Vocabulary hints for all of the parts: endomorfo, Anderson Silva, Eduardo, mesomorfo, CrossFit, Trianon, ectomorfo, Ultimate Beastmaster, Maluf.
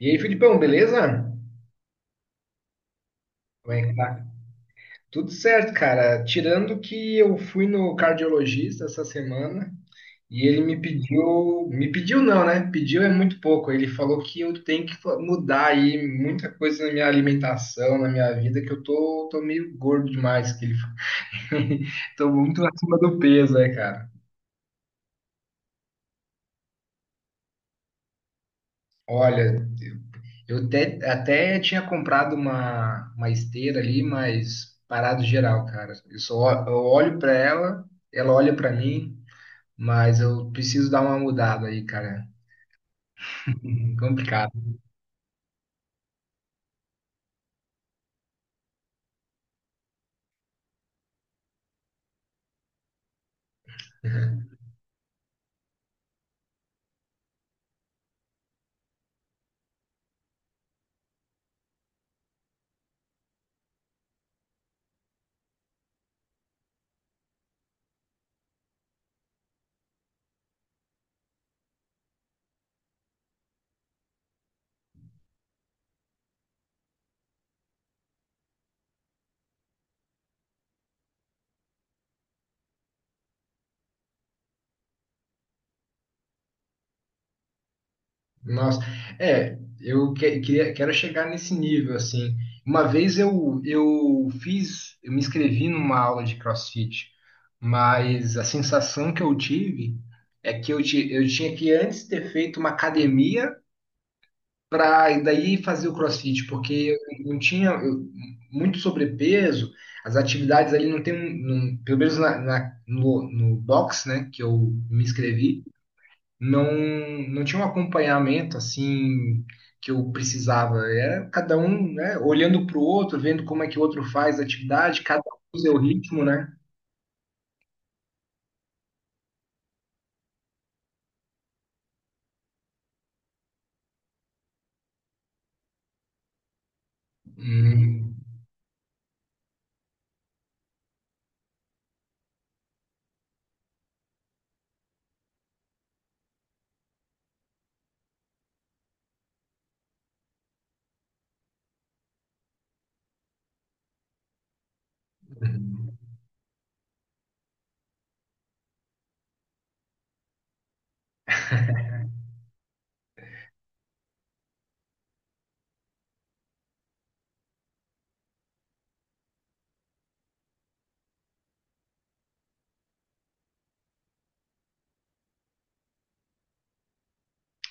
E aí, Filipão, beleza? Como é que tá? Tudo certo, cara. Tirando que eu fui no cardiologista essa semana e ele me pediu não, né? Pediu é muito pouco. Ele falou que eu tenho que mudar aí muita coisa na minha alimentação, na minha vida, que eu tô meio gordo demais, que ele tô muito acima do peso, né, cara? Olha, eu até tinha comprado uma esteira ali, mas parado geral, cara. Eu só eu olho pra ela, ela olha pra mim, mas eu preciso dar uma mudada aí, cara. Complicado. Nossa, é, eu queria, quero chegar nesse nível, assim. Uma vez eu fiz, eu me inscrevi numa aula de CrossFit, mas a sensação que eu tive é que eu, eu tinha que antes ter feito uma academia pra, e daí fazer o CrossFit, porque eu não tinha muito sobrepeso, as atividades ali não tem, pelo menos no box, né, que eu me inscrevi, não, não tinha um acompanhamento assim que eu precisava. Era cada um, né, olhando para o outro, vendo como é que o outro faz a atividade, cada um com o seu ritmo, né? Hum,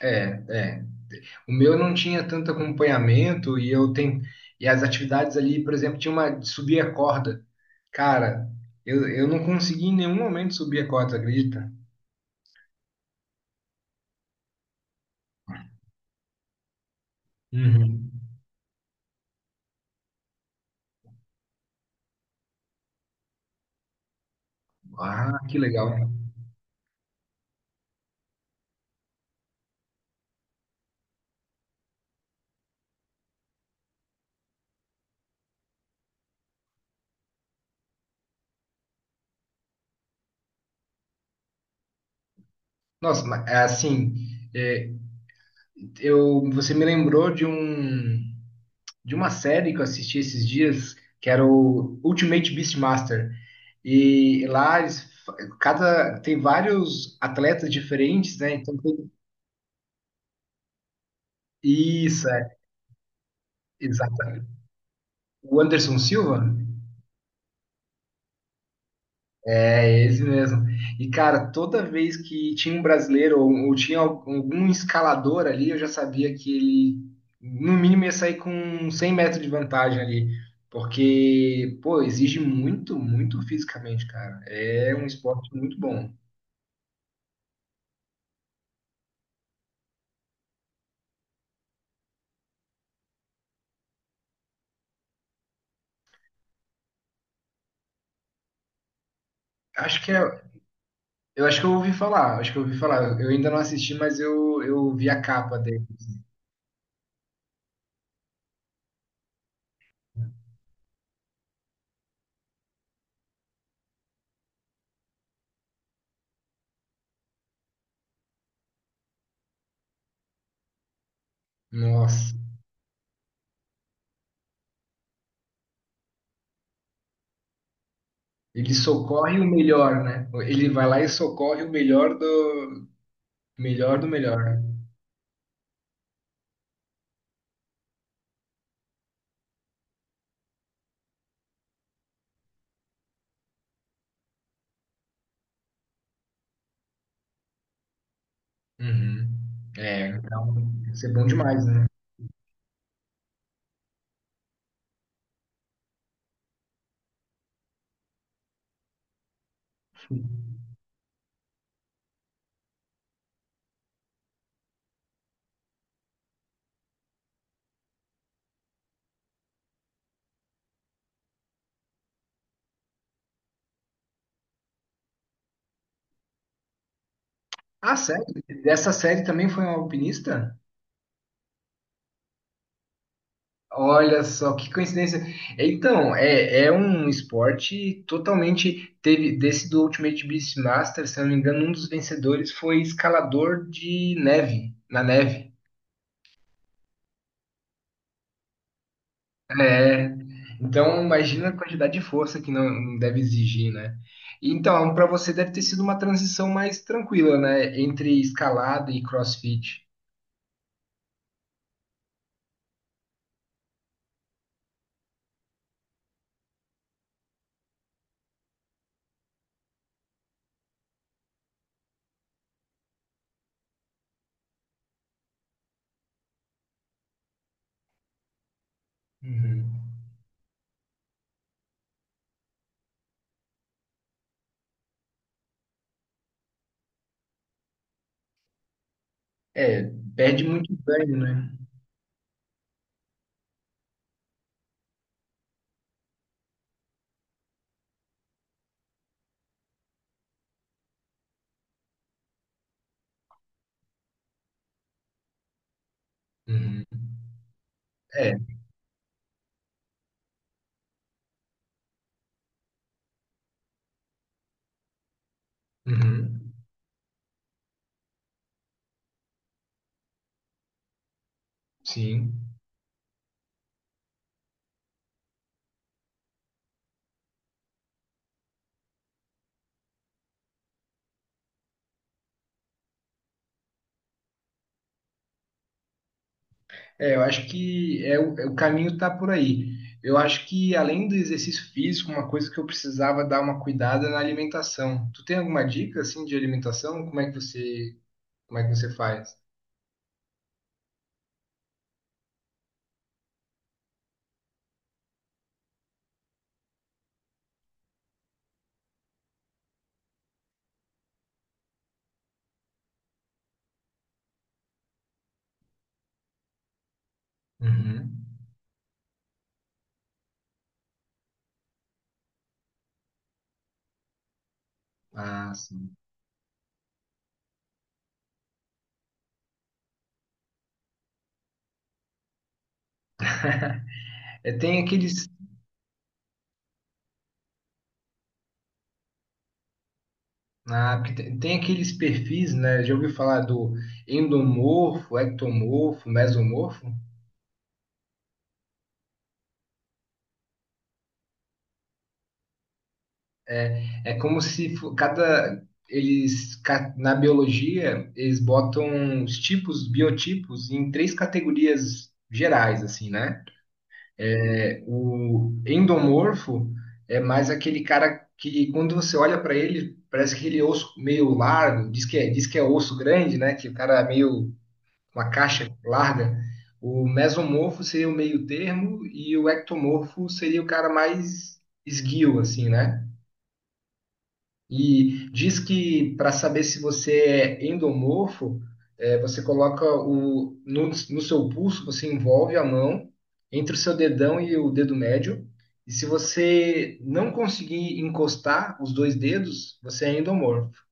é, é. O meu não tinha tanto acompanhamento e eu tenho e as atividades ali, por exemplo, tinha uma de subir a corda. Cara, eu não consegui em nenhum momento subir a corda, acredita? Uhum. Ah, que legal. Nossa, mas é assim, é, eu você me lembrou de um de uma série que eu assisti esses dias, que era o Ultimate Beastmaster. E lá eles, cada tem vários atletas diferentes, né? Então isso, é, exato. O Anderson Silva? É esse mesmo. E, cara, toda vez que tinha um brasileiro ou tinha algum escalador ali, eu já sabia que ele, no mínimo, ia sair com 100 metros de vantagem ali. Porque, pô, exige muito, muito fisicamente, cara. É um esporte muito bom. Acho que é, eu acho que eu ouvi falar, acho que eu ouvi falar. Eu ainda não assisti, mas eu vi a capa dele. Nossa, ele socorre o melhor, né? Ele vai lá e socorre o melhor do, melhor do melhor. Uhum. É, então, deve ser bom demais, né? Ah, sério? Dessa série também foi um alpinista? Olha só, que coincidência. Então, é, é um esporte totalmente. Teve desse do Ultimate Beastmaster, se eu não me engano, um dos vencedores foi escalador de neve, na neve. É, então imagina a quantidade de força que não, não deve exigir, né? Então, para você deve ter sido uma transição mais tranquila, né? Entre escalada e CrossFit. Uhum. É, perde muito ganho, né? Uhum. É, uhum. Sim. É, eu acho que é, o é o caminho tá por aí. Eu acho que além do exercício físico, uma coisa que eu precisava dar uma cuidada é na alimentação. Tu tem alguma dica assim de alimentação? Como é que você faz? Uhum. Ah, sim. É, tem aqueles, ah, porque tem aqueles perfis, né? Já ouviu falar do endomorfo, ectomorfo, mesomorfo? É como se cada eles na biologia eles botam os tipos, biotipos em três categorias gerais, assim, né? É, o endomorfo é mais aquele cara que quando você olha para ele, parece aquele osso meio largo, diz que é osso grande, né? Que o cara é meio uma caixa larga, o mesomorfo seria o meio termo e o ectomorfo seria o cara mais esguio, assim, né? E diz que para saber se você é endomorfo, é, você coloca o, no, no seu pulso, você envolve a mão entre o seu dedão e o dedo médio. E se você não conseguir encostar os dois dedos, você é endomorfo.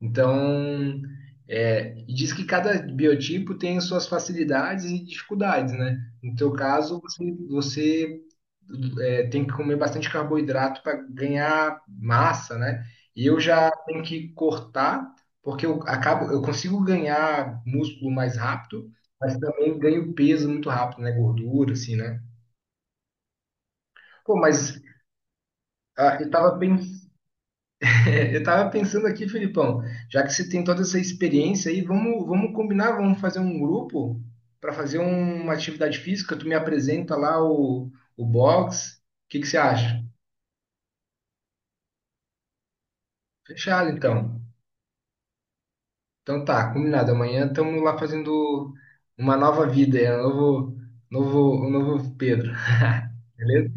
Então, é, e diz que cada biotipo tem suas facilidades e dificuldades, né? No teu caso, você é, tem que comer bastante carboidrato para ganhar massa, né? E eu já tenho que cortar, porque eu acabo, eu consigo ganhar músculo mais rápido, mas também ganho peso muito rápido, né? Gordura, assim, né? Pô, mas ah, eu estava é, eu tava pensando aqui, Felipão, já que você tem toda essa experiência aí, vamos combinar, vamos fazer um grupo para fazer uma atividade física. Tu me apresenta o box. O que que você acha? Fechado, então. Então tá, combinado. Amanhã estamos lá fazendo uma nova vida, é um novo Pedro, beleza?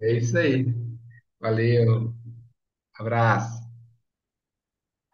É isso aí. Valeu, abraço.